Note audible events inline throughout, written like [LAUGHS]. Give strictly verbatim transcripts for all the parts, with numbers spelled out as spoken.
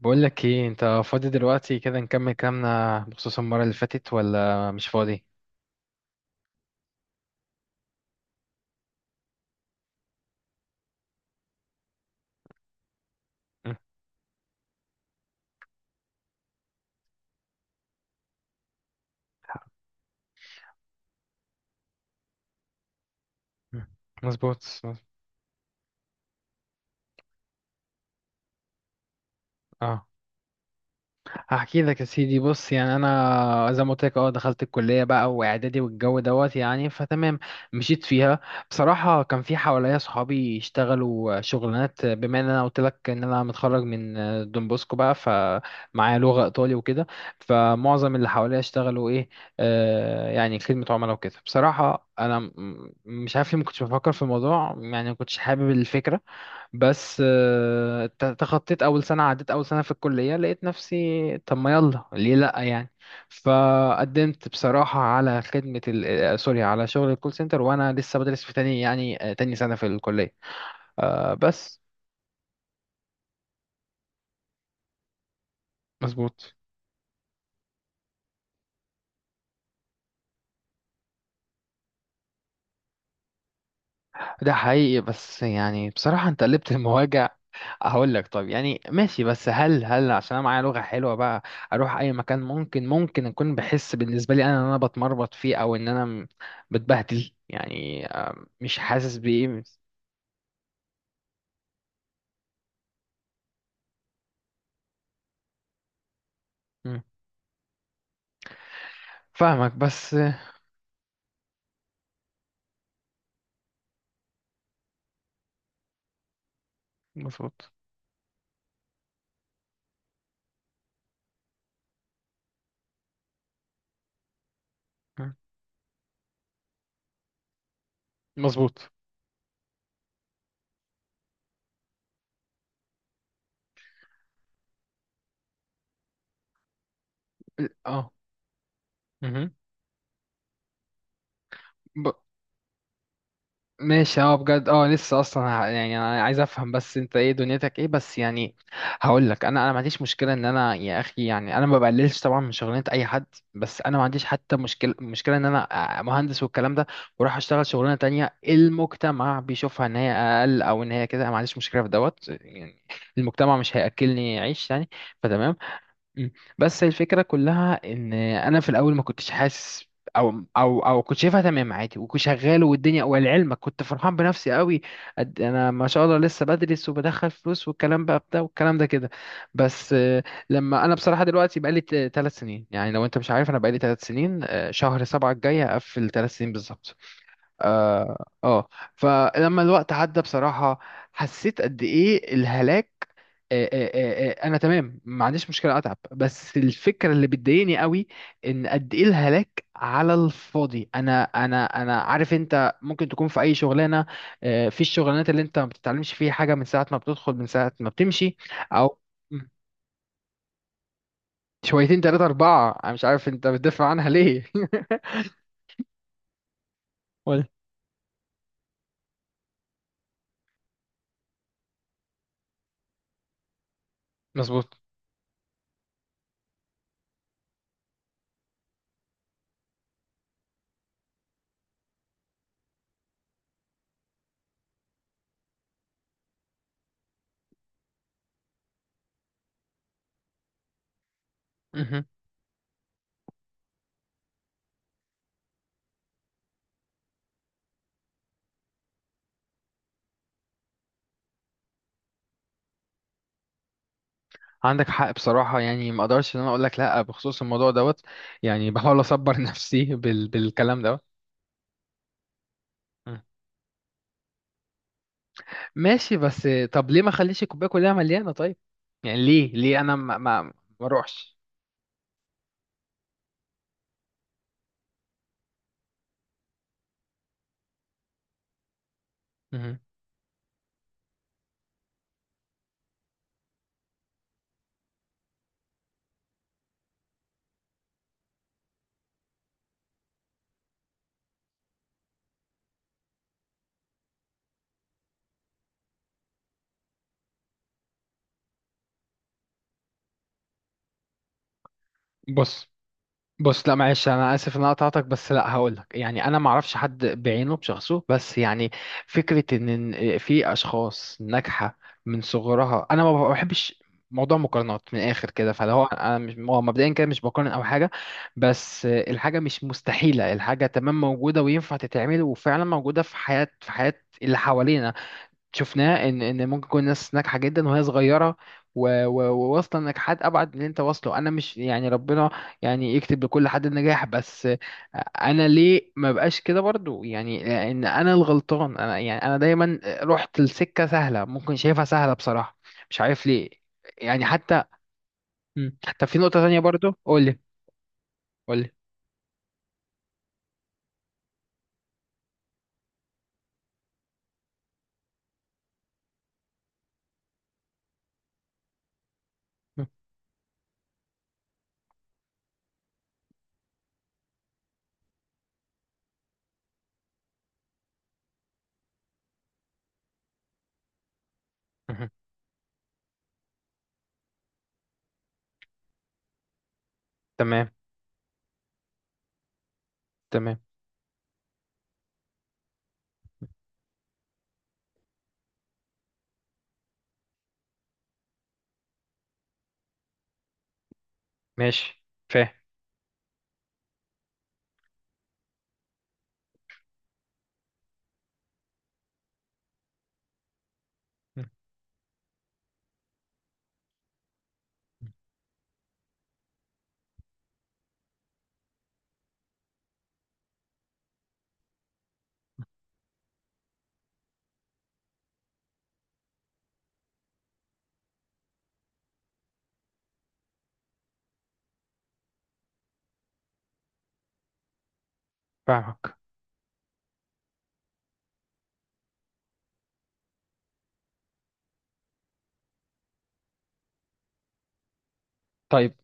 بقول لك ايه انت فاضي دلوقتي كده؟ نكمل كلامنا بخصوص المرة اللي فاتت ولا مش فاضي؟ م- م- مظبوط مظبوط. اه، هحكي لك يا سيدي. بص يعني انا زي ما قلت لك اه دخلت الكليه بقى واعدادي والجو دوت يعني فتمام، مشيت فيها. بصراحه كان في حواليا صحابي يشتغلوا شغلانات، بما ان انا قلت لك ان انا متخرج من دون بوسكو بقى فمعايا لغه ايطالي وكده. فمعظم اللي حواليا اشتغلوا ايه، آه يعني خدمه عملاء وكده. بصراحه انا م- مش عارف ليه ما كنتش بفكر في الموضوع، يعني ما كنتش حابب الفكره. بس آه، ت- تخطيت اول سنه، عديت اول سنه في الكليه، لقيت نفسي طب ما يلا ليه لا يعني. فقدمت بصراحه على خدمه ال... آه، سوري، على شغل الكول سنتر وانا لسه بدرس في تاني يعني، آه، تاني سنه في الكليه، آه، بس. مظبوط. ده حقيقي، بس يعني بصراحه انت قلبت [LAUGHS] المواجع. هقول لك، طب يعني ماشي، بس هل هل عشان انا معايا لغة حلوة بقى اروح اي مكان، ممكن ممكن اكون بحس بالنسبة لي انا ان انا بتمربط فيه، او ان انا م- بتبهدل يعني، آم، مش حاسس بايه مش- مم. فاهمك بس. مظبوط. مم. مظبوط. ال- اه. مهم. ماشي اه، بجد اه، لسه اصلا ه- يعني انا عايز افهم بس انت ايه دنيتك ايه بس يعني. هقول لك، انا انا ما عنديش مشكله ان انا يا اخي، يعني انا ما بقللش طبعا من شغلانه اي حد. بس انا ما عنديش حتى مشكله مشكله ان انا آه، مهندس والكلام ده واروح اشتغل شغلانه تانية المجتمع بيشوفها ان هي اقل او ان هي كده. أنا ما عنديش مشكله في دوت يعني، المجتمع مش هياكلني عيش يعني، فتمام. مم. بس الفكرة كلها ان انا في الاول ما كنتش حاسس، او او او كنت شايفها تمام عادي، وكنت شغال والدنيا، ولعلمك كنت فرحان بنفسي قوي قد انا ما شاء الله لسه بدرس وبدخل فلوس والكلام بقى بتاع والكلام ده كده. بس آه، لما انا بصراحة دلوقتي بقالي ثلاث سنين، يعني لو انت مش عارف انا بقالي ثلاث سنين، آه، شهر سبعة الجاي هقفل ثلاث سنين بالظبط. اه آه. فلما الوقت عدى بصراحة حسيت قد ايه الهلاك. آه، آه، آه، آه، انا تمام ما عنديش مشكلة اتعب، بس الفكرة اللي بتضايقني قوي ان قد ايه الهلاك على الفاضي. انا انا انا عارف انت ممكن تكون في اي شغلانة، آه، في الشغلانات اللي انت ما بتتعلمش فيها حاجة من ساعة ما بتدخل من ساعة ما بتمشي. او مم، شويتين تلاتة اربعة، انا مش عارف انت بتدافع عنها ليه. [LAUGHS] ولا. مظبوط. عندك حق بصراحة، يعني ما اقدرش ان انا اقول لك لا بخصوص الموضوع دوت، يعني بحاول اصبر [LAUGHS] نفسي بال... بالكلام دوت. مم. ماشي، بس طب ليه ما اخليش الكوباية كلها مليانة طيب؟ يعني ليه ليه انا ما ما ما اروحش. مهم. بص. بص لا معلش انا اسف ان انا قطعتك، بس لا هقول لك يعني انا ما اعرفش حد بعينه بشخصه بس يعني، فكره ان إن في اشخاص ناجحه من صغرها. انا ما بحبش موضوع مقارنات من الاخر كده، فلو هو انا مش هو مبدئيا كده مش بقارن او حاجه، بس الحاجه مش مستحيله، الحاجه تمام موجوده وينفع تتعمل، وفعلا موجوده في حياه في حياه اللي حوالينا. شفناه ان ان ممكن تكون ناس ناجحه جدا وهي صغيره و- و- وواصله لنجاحات ابعد من اللي انت واصله. انا مش يعني ربنا يعني يكتب لكل حد النجاح، بس انا ليه ما بقاش كده برضو يعني ان انا الغلطان. انا يعني انا دايما رحت لسكه سهله، ممكن شايفها سهله بصراحه، مش عارف ليه يعني حتى. مم. طب في نقطه تانية برضو، قولي. قولي. مم. مهم. تمام. تمام. ماشي، فاهم. مم. فاهمك. طيب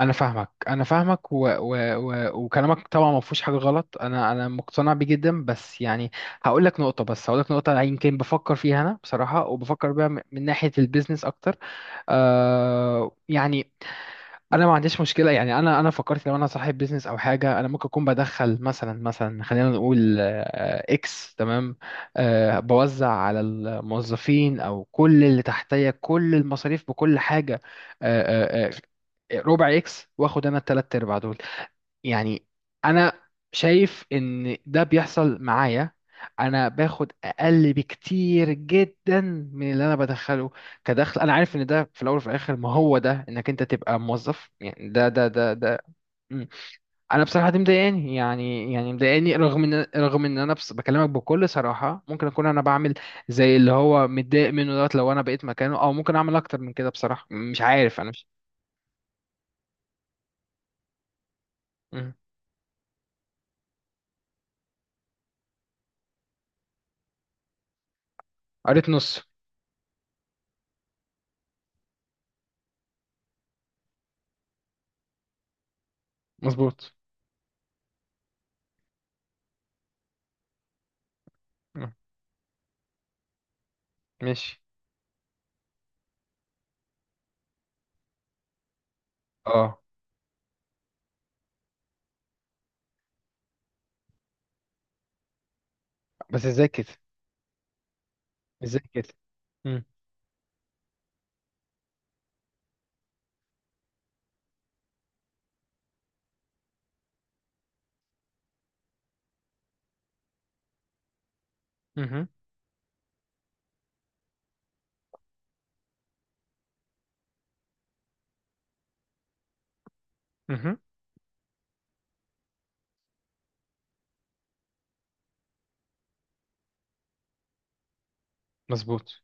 انا فاهمك انا فاهمك و... و... و... وكلامك طبعا ما فيهوش حاجه غلط، انا انا مقتنع بيه جدا، بس يعني هقول لك نقطه، بس هقول لك نقطه يمكن بفكر فيها انا بصراحه، وبفكر بيها من من ناحيه البيزنس اكتر. آه يعني انا ما عنديش مشكله، يعني انا انا فكرت لو انا صاحب بيزنس او حاجه، انا ممكن اكون بدخل مثلا مثلا خلينا نقول آه، اكس، تمام. أه، بوزع على الموظفين او كل اللي تحتيا كل المصاريف بكل حاجه. أه أه آه، ربع اكس، واخد انا التلات ارباع دول. يعني انا شايف ان ده بيحصل معايا، انا باخد اقل بكتير جدا من اللي انا بدخله كدخل. انا عارف ان ده في الاول وفي الاخر ما هو ده انك انت تبقى موظف، يعني ده ده ده ده. مم. انا بصراحه دي مضايقاني، يعني يعني مضايقاني رغم ان رغم ان انا بس بكلمك بكل صراحه، ممكن اكون انا بعمل زي اللي هو متضايق منه دوت لو انا بقيت مكانه، او ممكن اعمل اكتر من كده بصراحه مش عارف انا مش. مم. قريت نص. مظبوط. مم. ماشي اه. بس ازاي كده. ازاي كده. مم. مهم. مهم. مظبوط.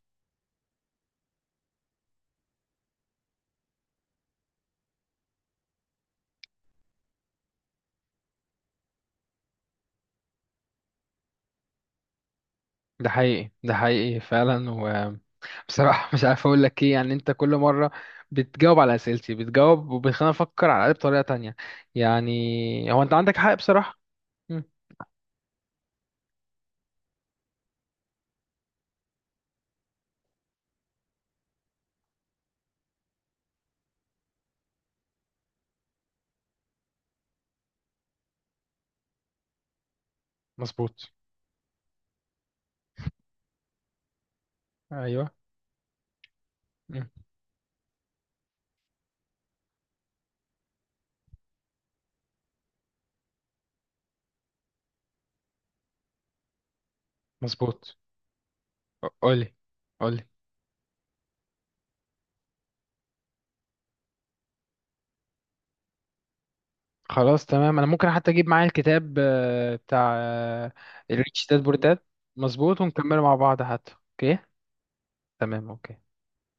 ده حقيقي ده حقيقي فعلا، وبصراحة [LAUGHS] مش عارف اقول لك ايه يعني، انت كل مرة بتجاوب على اسئلتي، بتجاوب وبتخليني افكر على الأقل بطريقة تانية. يعني هو انت عندك حق بصراحة. مم. مظبوط. ايوه. مم. مظبوط. ق- قولي. قولي. خلاص تمام. انا ممكن حتى اجيب معايا الكتاب آه، بتاع آه، الريتش داد بور داد. مظبوط، ونكمله مع بعض حتى، اوكي؟ تمام، اوكي.